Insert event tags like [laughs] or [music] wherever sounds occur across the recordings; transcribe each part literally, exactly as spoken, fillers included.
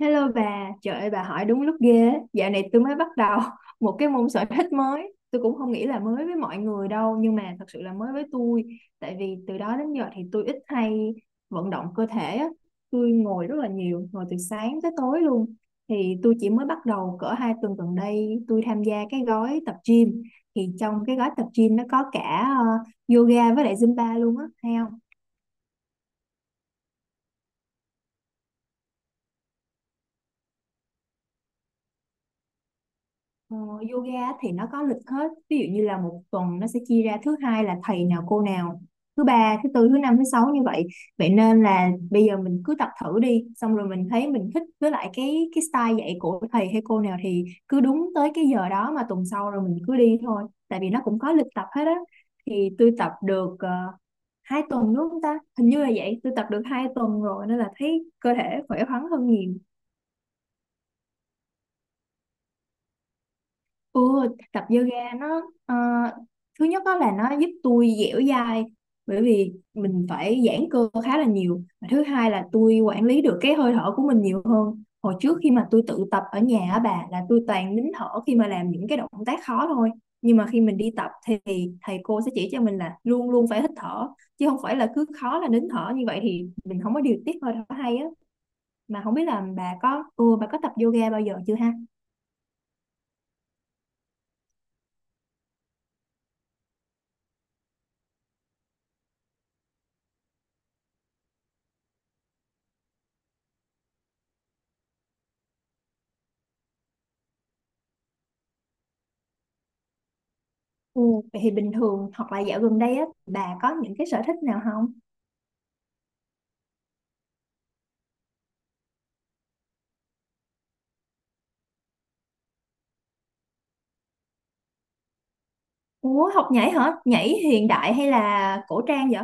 Hello bà, trời ơi bà hỏi đúng lúc ghê. Á. Dạo này tôi mới bắt đầu [laughs] một cái môn sở thích mới. Tôi cũng không nghĩ là mới với mọi người đâu, nhưng mà thật sự là mới với tôi. Tại vì từ đó đến giờ thì tôi ít hay vận động cơ thể á. Tôi ngồi rất là nhiều, ngồi từ sáng tới tối luôn. Thì tôi chỉ mới bắt đầu cỡ hai tuần gần đây tôi tham gia cái gói tập gym. Thì trong cái gói tập gym nó có cả ờ, yoga với lại Zumba luôn á, hay không? Ờ, yoga thì nó có lịch hết, ví dụ như là một tuần nó sẽ chia ra thứ hai là thầy nào cô nào, thứ ba thứ tư thứ năm thứ sáu như vậy, vậy nên là bây giờ mình cứ tập thử đi, xong rồi mình thấy mình thích với lại cái cái style dạy của thầy hay cô nào thì cứ đúng tới cái giờ đó mà tuần sau rồi mình cứ đi thôi, tại vì nó cũng có lịch tập hết á. Thì tôi tập được uh, hai tuần đúng không ta, hình như là vậy, tôi tập được hai tuần rồi nên là thấy cơ thể khỏe khoắn hơn nhiều. Ừ, tập yoga nó ờ, thứ nhất đó là nó giúp tôi dẻo dai bởi vì mình phải giãn cơ khá là nhiều. Và thứ hai là tôi quản lý được cái hơi thở của mình nhiều hơn, hồi trước khi mà tôi tự tập ở nhà á bà, là tôi toàn nín thở khi mà làm những cái động tác khó thôi, nhưng mà khi mình đi tập thì thầy cô sẽ chỉ cho mình là luôn luôn phải hít thở, chứ không phải là cứ khó là nín thở. Như vậy thì mình không có điều tiết hơi thở hay á. Mà không biết là bà có ừ, bà có tập yoga bao giờ chưa ha. Ừ. Vậy thì bình thường hoặc là dạo gần đây á bà có những cái sở thích nào không? Ủa học nhảy hả? Nhảy hiện đại hay là cổ trang vậy?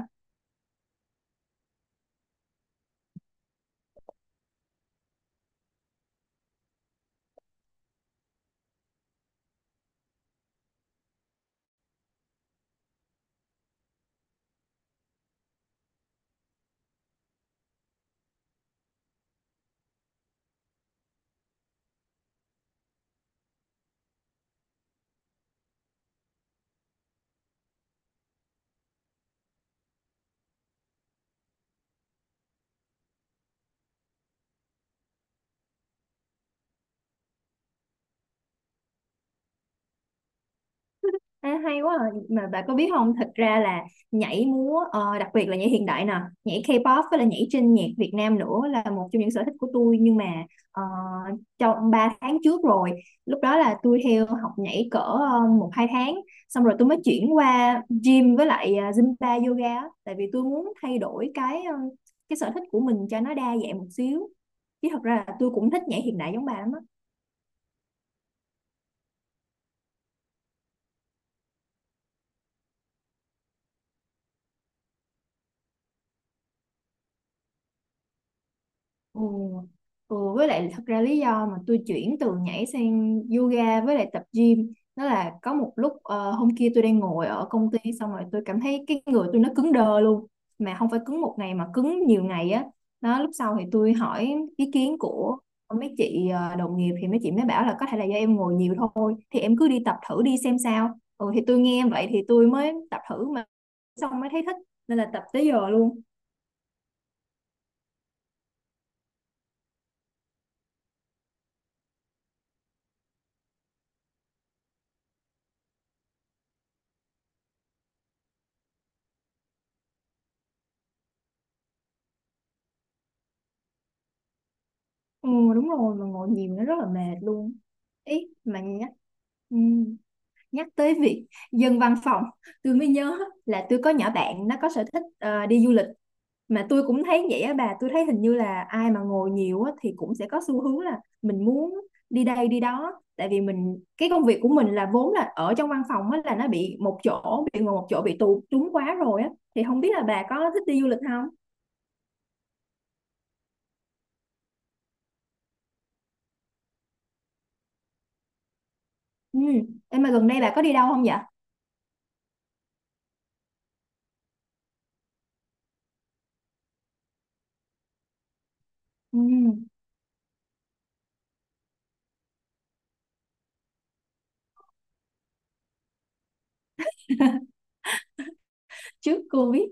À, hay quá à. Mà bà có biết không, thật ra là nhảy múa ờ, đặc biệt là nhảy hiện đại nè, nhảy K-pop với là nhảy trên nhạc Việt Nam nữa là một trong những sở thích của tôi, nhưng mà ờ, trong ba tháng trước rồi, lúc đó là tôi theo học nhảy cỡ ờ, một hai tháng, xong rồi tôi mới chuyển qua gym với lại ờ, Zumba yoga á. Tại vì tôi muốn thay đổi cái ờ, cái sở thích của mình cho nó đa dạng một xíu, chứ thật ra là tôi cũng thích nhảy hiện đại giống bà lắm á. Ừ. Ừ, với lại thật ra lý do mà tôi chuyển từ nhảy sang yoga với lại tập gym đó là có một lúc ờ, hôm kia tôi đang ngồi ở công ty, xong rồi tôi cảm thấy cái người tôi nó cứng đơ luôn, mà không phải cứng một ngày mà cứng nhiều ngày á. Đó, lúc sau thì tôi hỏi ý kiến của mấy chị ờ, đồng nghiệp, thì mấy chị mới bảo là có thể là do em ngồi nhiều thôi, thì em cứ đi tập thử đi xem sao. Ừ, thì tôi nghe vậy thì tôi mới tập thử mà, xong mới thấy thích nên là tập tới giờ luôn. Ừ, đúng rồi, mà ngồi nhiều nó rất là mệt luôn. Ý mà nhắc, ừ, nhắc tới việc dân văn phòng, tôi mới nhớ là tôi có nhỏ bạn nó có sở thích ờ, đi du lịch. Mà tôi cũng thấy vậy á bà, tôi thấy hình như là ai mà ngồi nhiều á thì cũng sẽ có xu hướng là mình muốn đi đây đi đó, tại vì mình cái công việc của mình là vốn là ở trong văn phòng á, là nó bị một chỗ, bị ngồi một chỗ, bị tù túng quá rồi á. Thì không biết là bà có thích đi du lịch không. Ừ, em mà gần đây bà có đi đâu không vậy. Ừ, trước Covid.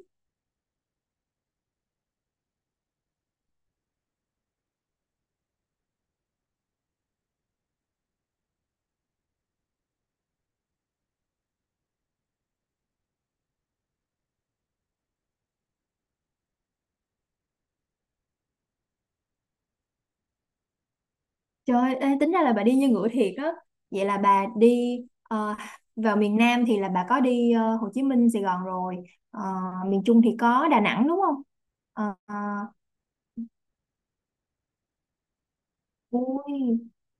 Trời ơi, ê, tính ra là bà đi như ngựa thiệt á. Vậy là bà đi ờ, vào miền Nam thì là bà có đi ờ, Hồ Chí Minh, Sài Gòn rồi. Ờ, miền Trung thì có Đà Nẵng đúng không? Ờ, ờ, ui.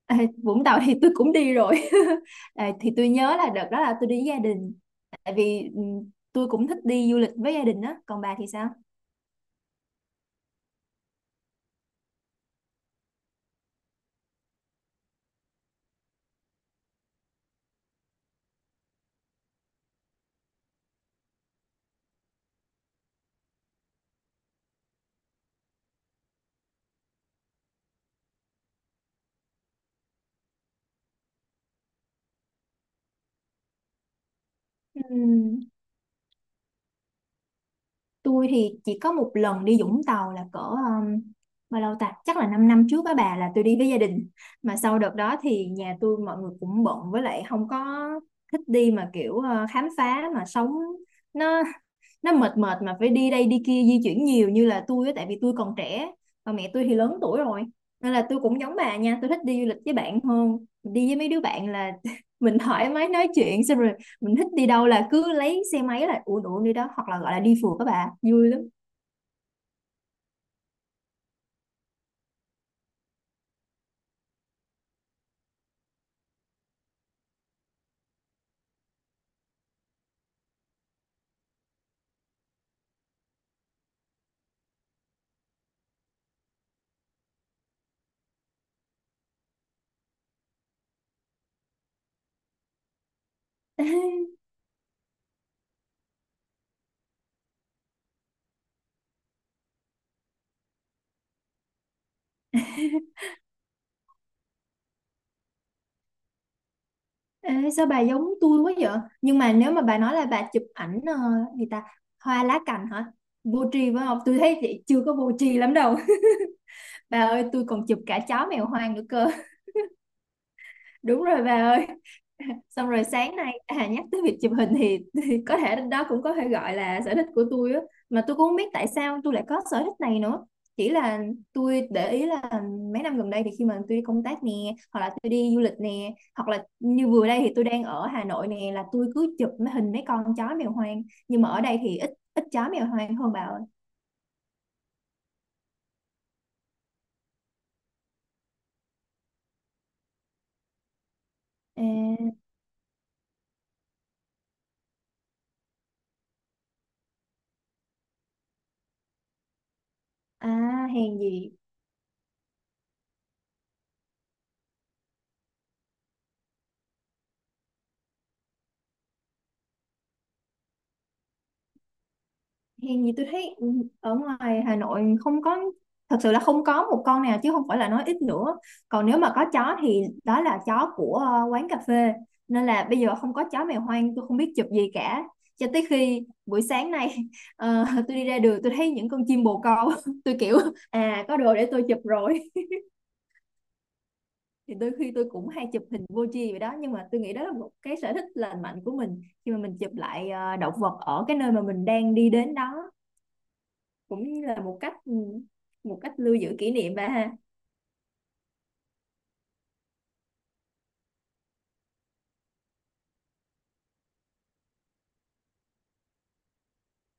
Ê, Vũng Tàu thì tôi cũng đi rồi. [laughs] Ê, thì tôi nhớ là đợt đó là tôi đi với gia đình. Tại vì ừ, tôi cũng thích đi du lịch với gia đình á. Còn bà thì sao? Ừ. Tôi thì chỉ có một lần đi Vũng Tàu là cỡ um, bao lâu ta? Chắc là 5 năm trước á bà, là tôi đi với gia đình. Mà sau đợt đó thì nhà tôi mọi người cũng bận, với lại không có thích đi mà kiểu ờ, khám phá, mà sống nó nó mệt mệt mà phải đi đây đi kia, di chuyển nhiều như là tôi á, tại vì tôi còn trẻ và mẹ tôi thì lớn tuổi rồi. Nên là tôi cũng giống bà nha, tôi thích đi du lịch với bạn hơn, đi với mấy đứa bạn là [laughs] mình thoải mái nói chuyện, xong rồi mình thích đi đâu là cứ lấy xe máy là uổng uổng đi đó, hoặc là gọi là đi phượt các bà vui lắm. [laughs] Ê, sao bà giống tôi quá vậy, nhưng mà nếu mà bà nói là bà chụp ảnh ờ, gì ta, hoa lá cành hả, vô tri phải không, tôi thấy chị chưa có vô tri lắm đâu. [laughs] Bà ơi, tôi còn chụp cả chó mèo hoang nữa cơ. Đúng rồi bà ơi. [laughs] Xong rồi sáng nay à, nhắc tới việc chụp hình thì, [laughs] thì có thể đó cũng có thể gọi là sở thích của tôi á, mà tôi cũng không biết tại sao tôi lại có sở thích này nữa. Chỉ là tôi để ý là mấy năm gần đây thì khi mà tôi đi công tác nè, hoặc là tôi đi du lịch nè, hoặc là như vừa đây thì tôi đang ở Hà Nội nè, là tôi cứ chụp mấy hình mấy con chó mèo hoang, nhưng mà ở đây thì ít ít chó mèo hoang hơn bà ơi. À, à, hèn gì Hèn gì tôi thấy, ừ, ở ngoài Hà Nội không có, thật sự là không có một con nào chứ không phải là nói ít nữa. Còn nếu mà có chó thì đó là chó của ờ, quán cà phê, nên là bây giờ không có chó mèo hoang tôi không biết chụp gì cả, cho tới khi buổi sáng nay [laughs] ờ, tôi đi ra đường tôi thấy những con chim bồ câu [laughs] tôi kiểu à có đồ để tôi chụp rồi. [laughs] Thì đôi khi tôi cũng hay chụp hình vô tri vậy đó, nhưng mà tôi nghĩ đó là một cái sở thích lành mạnh của mình, khi mà mình chụp lại ờ, động vật ở cái nơi mà mình đang đi đến đó, cũng như là một cách ừ, một cách lưu giữ kỷ niệm bà ha.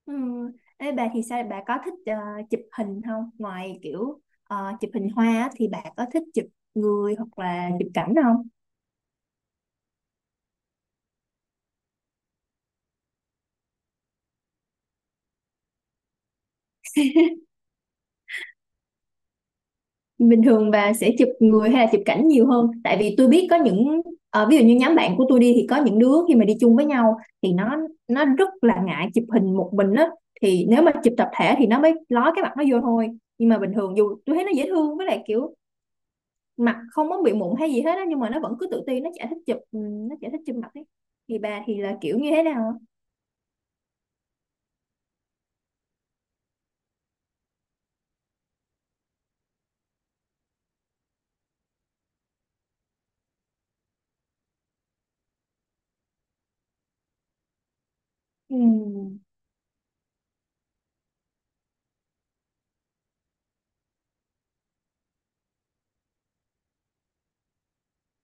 Ừ. Ê, bà thì sao, bà có thích ờ, chụp hình không, ngoài kiểu ờ, chụp hình hoa á, thì bà có thích chụp người hoặc là chụp cảnh không, bình thường bà sẽ chụp người hay là chụp cảnh nhiều hơn? Tại vì tôi biết có những ờ, ví dụ như nhóm bạn của tôi đi thì có những đứa khi mà đi chung với nhau thì nó nó rất là ngại chụp hình một mình á, thì nếu mà chụp tập thể thì nó mới ló cái mặt nó vô thôi. Nhưng mà bình thường dù tôi thấy nó dễ thương với lại kiểu mặt không có bị mụn hay gì hết á, nhưng mà nó vẫn cứ tự ti, nó chả thích chụp ừ, nó chả thích chụp mặt ấy. Thì bà thì là kiểu như thế nào. Ừ.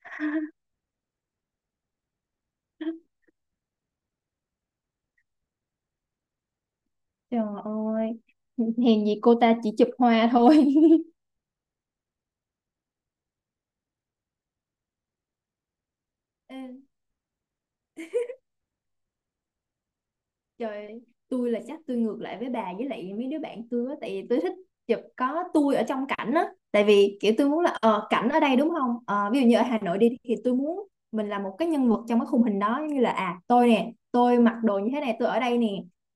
[laughs] Trời ơi hèn gì cô ta chỉ chụp hoa thôi. [laughs] Ê, Trời ơi, tôi là chắc tôi ngược lại với bà với lại mấy đứa bạn tôi á, tại vì tôi thích chụp có tôi ở trong cảnh á. Tại vì kiểu tôi muốn là ờ, cảnh ở đây đúng không. Ờ, ví dụ như ở Hà Nội đi thì tôi muốn mình là một cái nhân vật trong cái khung hình đó, giống như là à tôi nè, tôi mặc đồ như thế này, tôi ở đây nè.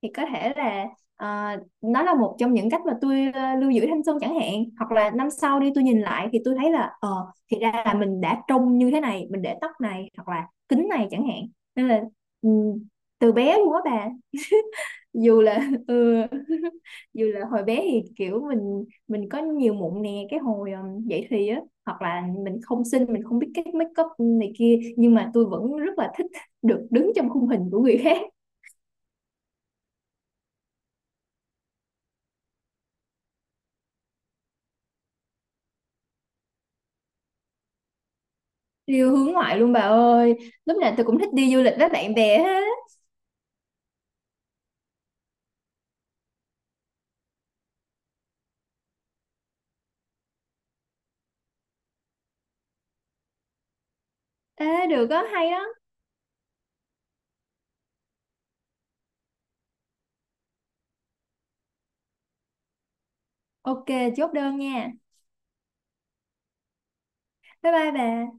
Thì có thể là ờ, nó là một trong những cách mà tôi ờ, lưu giữ thanh xuân chẳng hạn, hoặc là năm sau đi tôi nhìn lại thì tôi thấy là ờ thì ra là mình đã trông như thế này, mình để tóc này hoặc là kính này chẳng hạn. Nên là ừ, từ bé luôn á bà, dù là [laughs] ừ, [laughs] dù là hồi bé thì kiểu mình mình có nhiều mụn nè, cái hồi um, dậy thì á, hoặc là mình không xinh, mình không biết cách make up này kia, nhưng mà tôi vẫn rất là thích được đứng trong khung hình của người khác. Điều hướng ngoại luôn bà ơi, lúc nào tôi cũng thích đi du lịch với bạn bè hết. Ê, được đó hay đó. Ok, chốt đơn nha. Bye bye bà.